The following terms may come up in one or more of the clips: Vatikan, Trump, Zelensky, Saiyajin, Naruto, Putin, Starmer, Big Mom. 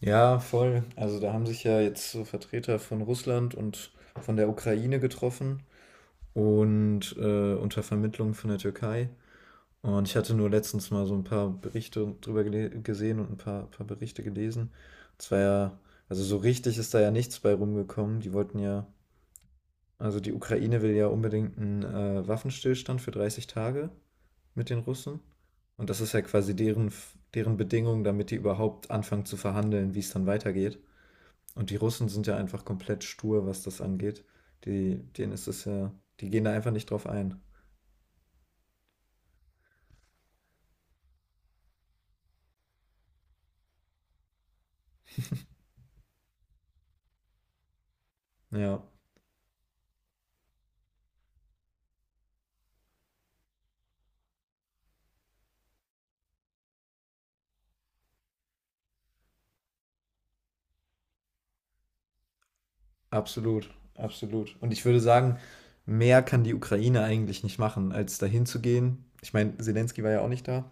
Ja, voll. Also da haben sich ja jetzt so Vertreter von Russland und von der Ukraine getroffen und unter Vermittlung von der Türkei. Und ich hatte nur letztens mal so ein paar Berichte drüber gesehen und ein paar Berichte gelesen. Es war ja, also so richtig ist da ja nichts bei rumgekommen. Die wollten ja, also die Ukraine will ja unbedingt einen Waffenstillstand für 30 Tage mit den Russen. Und das ist ja quasi deren Bedingung, damit die überhaupt anfangen zu verhandeln, wie es dann weitergeht. Und die Russen sind ja einfach komplett stur, was das angeht. Die, denen ist es ja, die gehen da einfach nicht drauf ein. Ja, absolut, absolut. Und ich würde sagen, mehr kann die Ukraine eigentlich nicht machen, als dahin zu gehen. Ich meine, Zelensky war ja auch nicht da.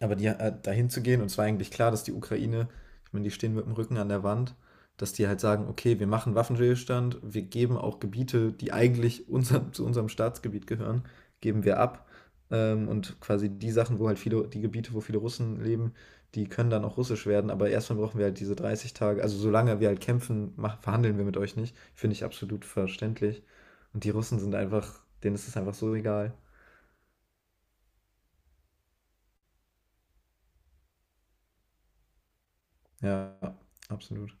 Aber die, dahin zu gehen, und es war eigentlich klar, dass die Ukraine, ich meine, die stehen mit dem Rücken an der Wand, dass die halt sagen, okay, wir machen Waffenstillstand, wir geben auch Gebiete, die eigentlich unser, zu unserem Staatsgebiet gehören, geben wir ab. Und quasi die Sachen, wo halt viele, die Gebiete, wo viele Russen leben, die können dann auch russisch werden, aber erstmal brauchen wir halt diese 30 Tage, also solange wir halt kämpfen, mach, verhandeln wir mit euch nicht, finde ich absolut verständlich. Und die Russen sind einfach, denen ist es einfach so egal. Ja, absolut.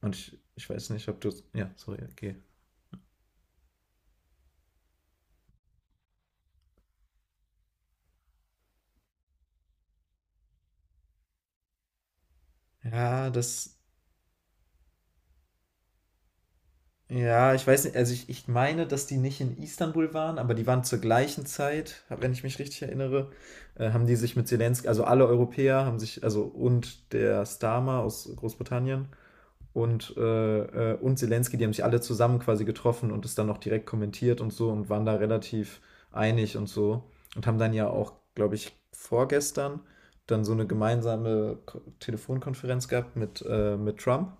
Und ich weiß nicht, ob du. Ja, sorry, okay. Ja, das. Ja, ich weiß nicht, also ich meine, dass die nicht in Istanbul waren, aber die waren zur gleichen Zeit, wenn ich mich richtig erinnere, haben die sich mit Zelensky, also alle Europäer haben sich, also und der Starmer aus Großbritannien und Zelensky, die haben sich alle zusammen quasi getroffen und es dann noch direkt kommentiert und so und waren da relativ einig und so und haben dann ja auch, glaube ich, vorgestern dann so eine gemeinsame Telefonkonferenz gehabt mit Trump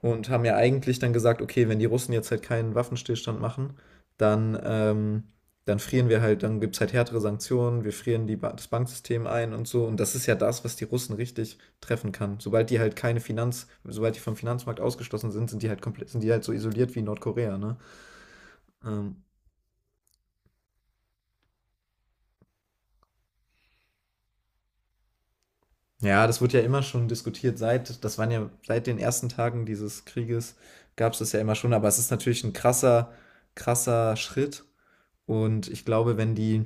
und haben ja eigentlich dann gesagt, okay, wenn die Russen jetzt halt keinen Waffenstillstand machen, dann, dann frieren wir halt, dann gibt es halt härtere Sanktionen, wir frieren die ba das Banksystem ein und so. Und das ist ja das, was die Russen richtig treffen kann. Sobald die halt keine Finanz, sobald die vom Finanzmarkt ausgeschlossen sind, sind die halt komplett, sind die halt so isoliert wie Nordkorea, ne? Ähm, ja, das wird ja immer schon diskutiert, seit, das waren ja seit den ersten Tagen dieses Krieges gab es das ja immer schon, aber es ist natürlich ein krasser, krasser Schritt. Und ich glaube, wenn die,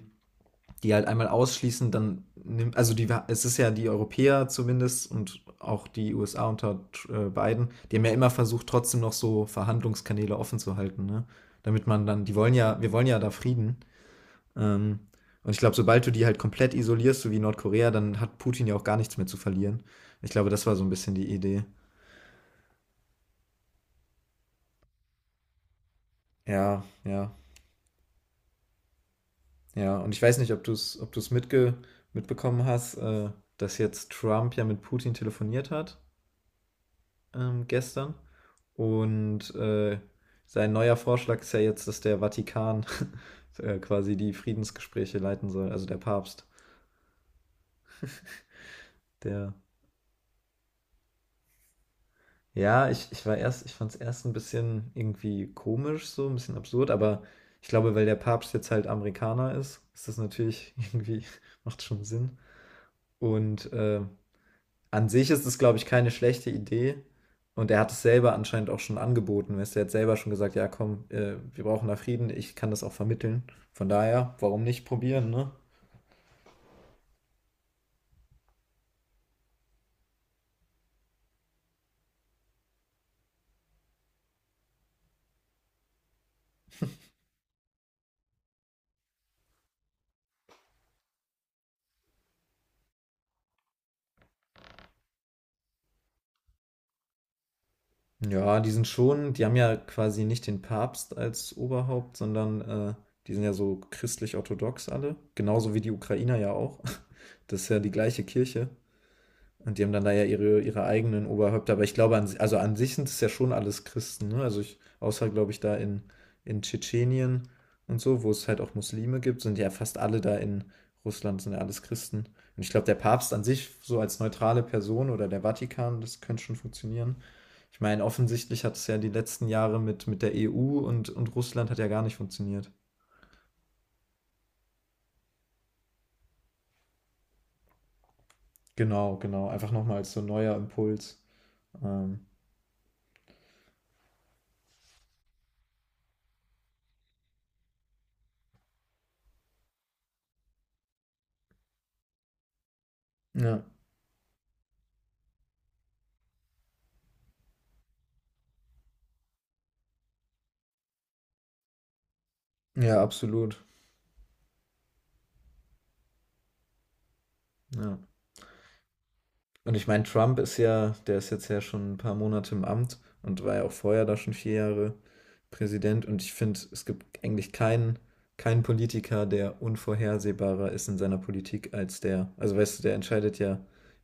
die halt einmal ausschließen, dann nimmt, also die, es ist ja die Europäer zumindest und auch die USA unter Biden, die haben ja immer versucht, trotzdem noch so Verhandlungskanäle offen zu halten, ne? Damit man dann, die wollen ja, wir wollen ja da Frieden. Ähm, und ich glaube, sobald du die halt komplett isolierst, so wie Nordkorea, dann hat Putin ja auch gar nichts mehr zu verlieren. Ich glaube, das war so ein bisschen die Idee. Ja, ja, ja. Und ich weiß nicht, ob du es ob du's mitge mitbekommen hast, dass jetzt Trump ja mit Putin telefoniert hat gestern. Und sein neuer Vorschlag ist ja jetzt, dass der Vatikan quasi die Friedensgespräche leiten soll, also der Papst. Der, ja, ich war erst, ich fand es erst ein bisschen irgendwie komisch, so ein bisschen absurd, aber ich glaube, weil der Papst jetzt halt Amerikaner ist, ist das natürlich irgendwie, macht schon Sinn. Und an sich ist es, glaube ich, keine schlechte Idee. Und er hat es selber anscheinend auch schon angeboten. Weißt du, er hat selber schon gesagt, ja komm, wir brauchen da Frieden, ich kann das auch vermitteln. Von daher, warum nicht probieren, ne? Ja, die sind schon, die haben ja quasi nicht den Papst als Oberhaupt, sondern die sind ja so christlich-orthodox alle. Genauso wie die Ukrainer ja auch. Das ist ja die gleiche Kirche. Und die haben dann da ja ihre eigenen Oberhäupter. Aber ich glaube, an, si, also an sich sind es ja schon alles Christen. Ne? Also ich, außer, glaube ich, da in Tschetschenien und so, wo es halt auch Muslime gibt, sind ja fast alle da in Russland, sind ja alles Christen. Und ich glaube, der Papst an sich, so als neutrale Person oder der Vatikan, das könnte schon funktionieren. Ich meine, offensichtlich hat es ja die letzten Jahre mit der EU und Russland hat ja gar nicht funktioniert. Genau, genau. Einfach nochmal als so ein neuer Impuls. Ähm, ja. Ja, absolut. Ja. Und ich meine, Trump ist ja, der ist jetzt ja schon ein paar Monate im Amt und war ja auch vorher da schon 4 Jahre Präsident. Und ich finde, es gibt eigentlich keinen, keinen Politiker, der unvorhersehbarer ist in seiner Politik als der. Also weißt du, der entscheidet ja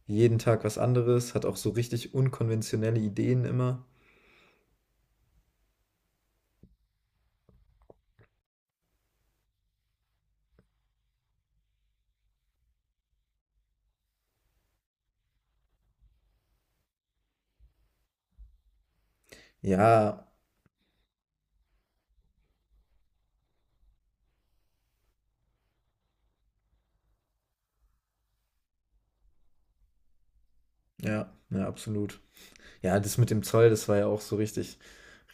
jeden Tag was anderes, hat auch so richtig unkonventionelle Ideen immer. Ja, ja, ja, absolut. Ja, das mit dem Zoll, das war ja auch so richtig.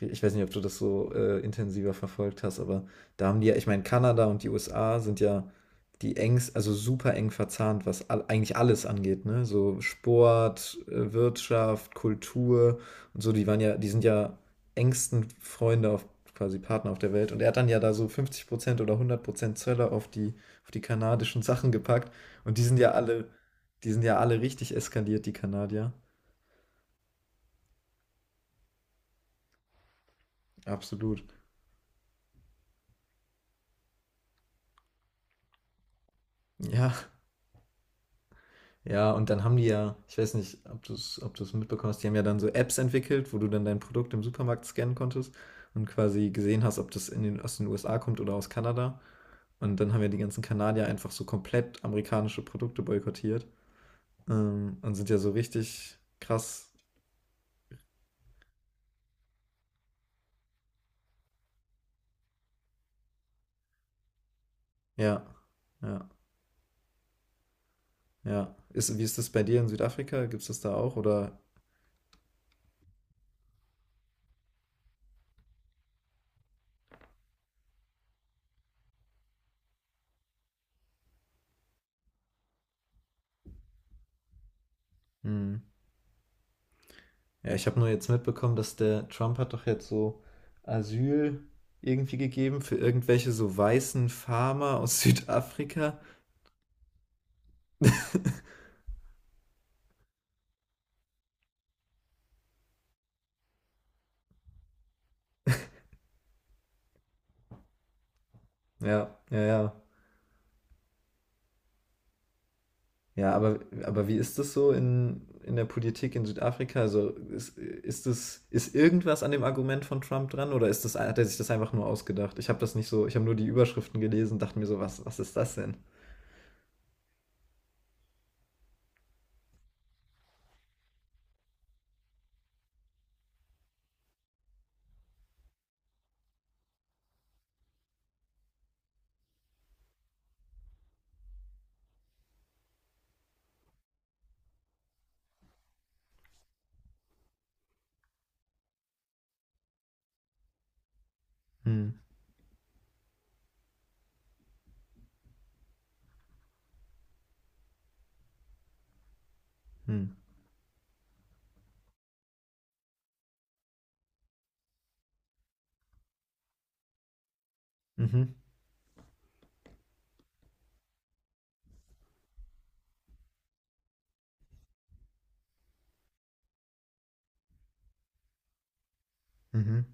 Ich weiß nicht, ob du das so intensiver verfolgt hast, aber da haben die ja, ich meine, Kanada und die USA sind ja die engst, also super eng verzahnt, was all, eigentlich alles angeht, ne? So Sport, Wirtschaft, Kultur und so, die waren ja, die sind ja engsten Freunde auf quasi Partner auf der Welt. Und er hat dann ja da so 50% oder 100% Zölle auf die kanadischen Sachen gepackt. Und die sind ja alle, die sind ja alle richtig eskaliert, die Kanadier. Absolut. Ja, ja, und dann haben die ja, ich weiß nicht, ob du es ob du's mitbekommen hast, die haben ja dann so Apps entwickelt, wo du dann dein Produkt im Supermarkt scannen konntest und quasi gesehen hast, ob das in den, aus den USA kommt oder aus Kanada. Und dann haben ja die ganzen Kanadier einfach so komplett amerikanische Produkte boykottiert und sind ja so richtig krass. Ja, ja, ja. Ist, wie ist das bei dir in Südafrika? Gibt es das da auch? Oder? Hm? Ja, ich habe nur jetzt mitbekommen, dass der Trump hat doch jetzt so Asyl irgendwie gegeben für irgendwelche so weißen Farmer aus Südafrika. Ja, ja, ja. Ja, aber wie ist das so in der Politik in Südafrika? Also ist das, ist irgendwas an dem Argument von Trump dran oder ist das, hat er sich das einfach nur ausgedacht? Ich habe das nicht so, ich habe nur die Überschriften gelesen, dachte mir so, was, was ist das denn? Hm, hm, mhm, mhm.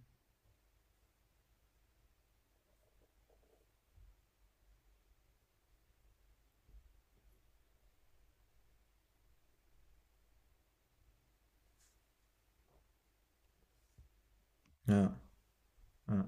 Ja, ja.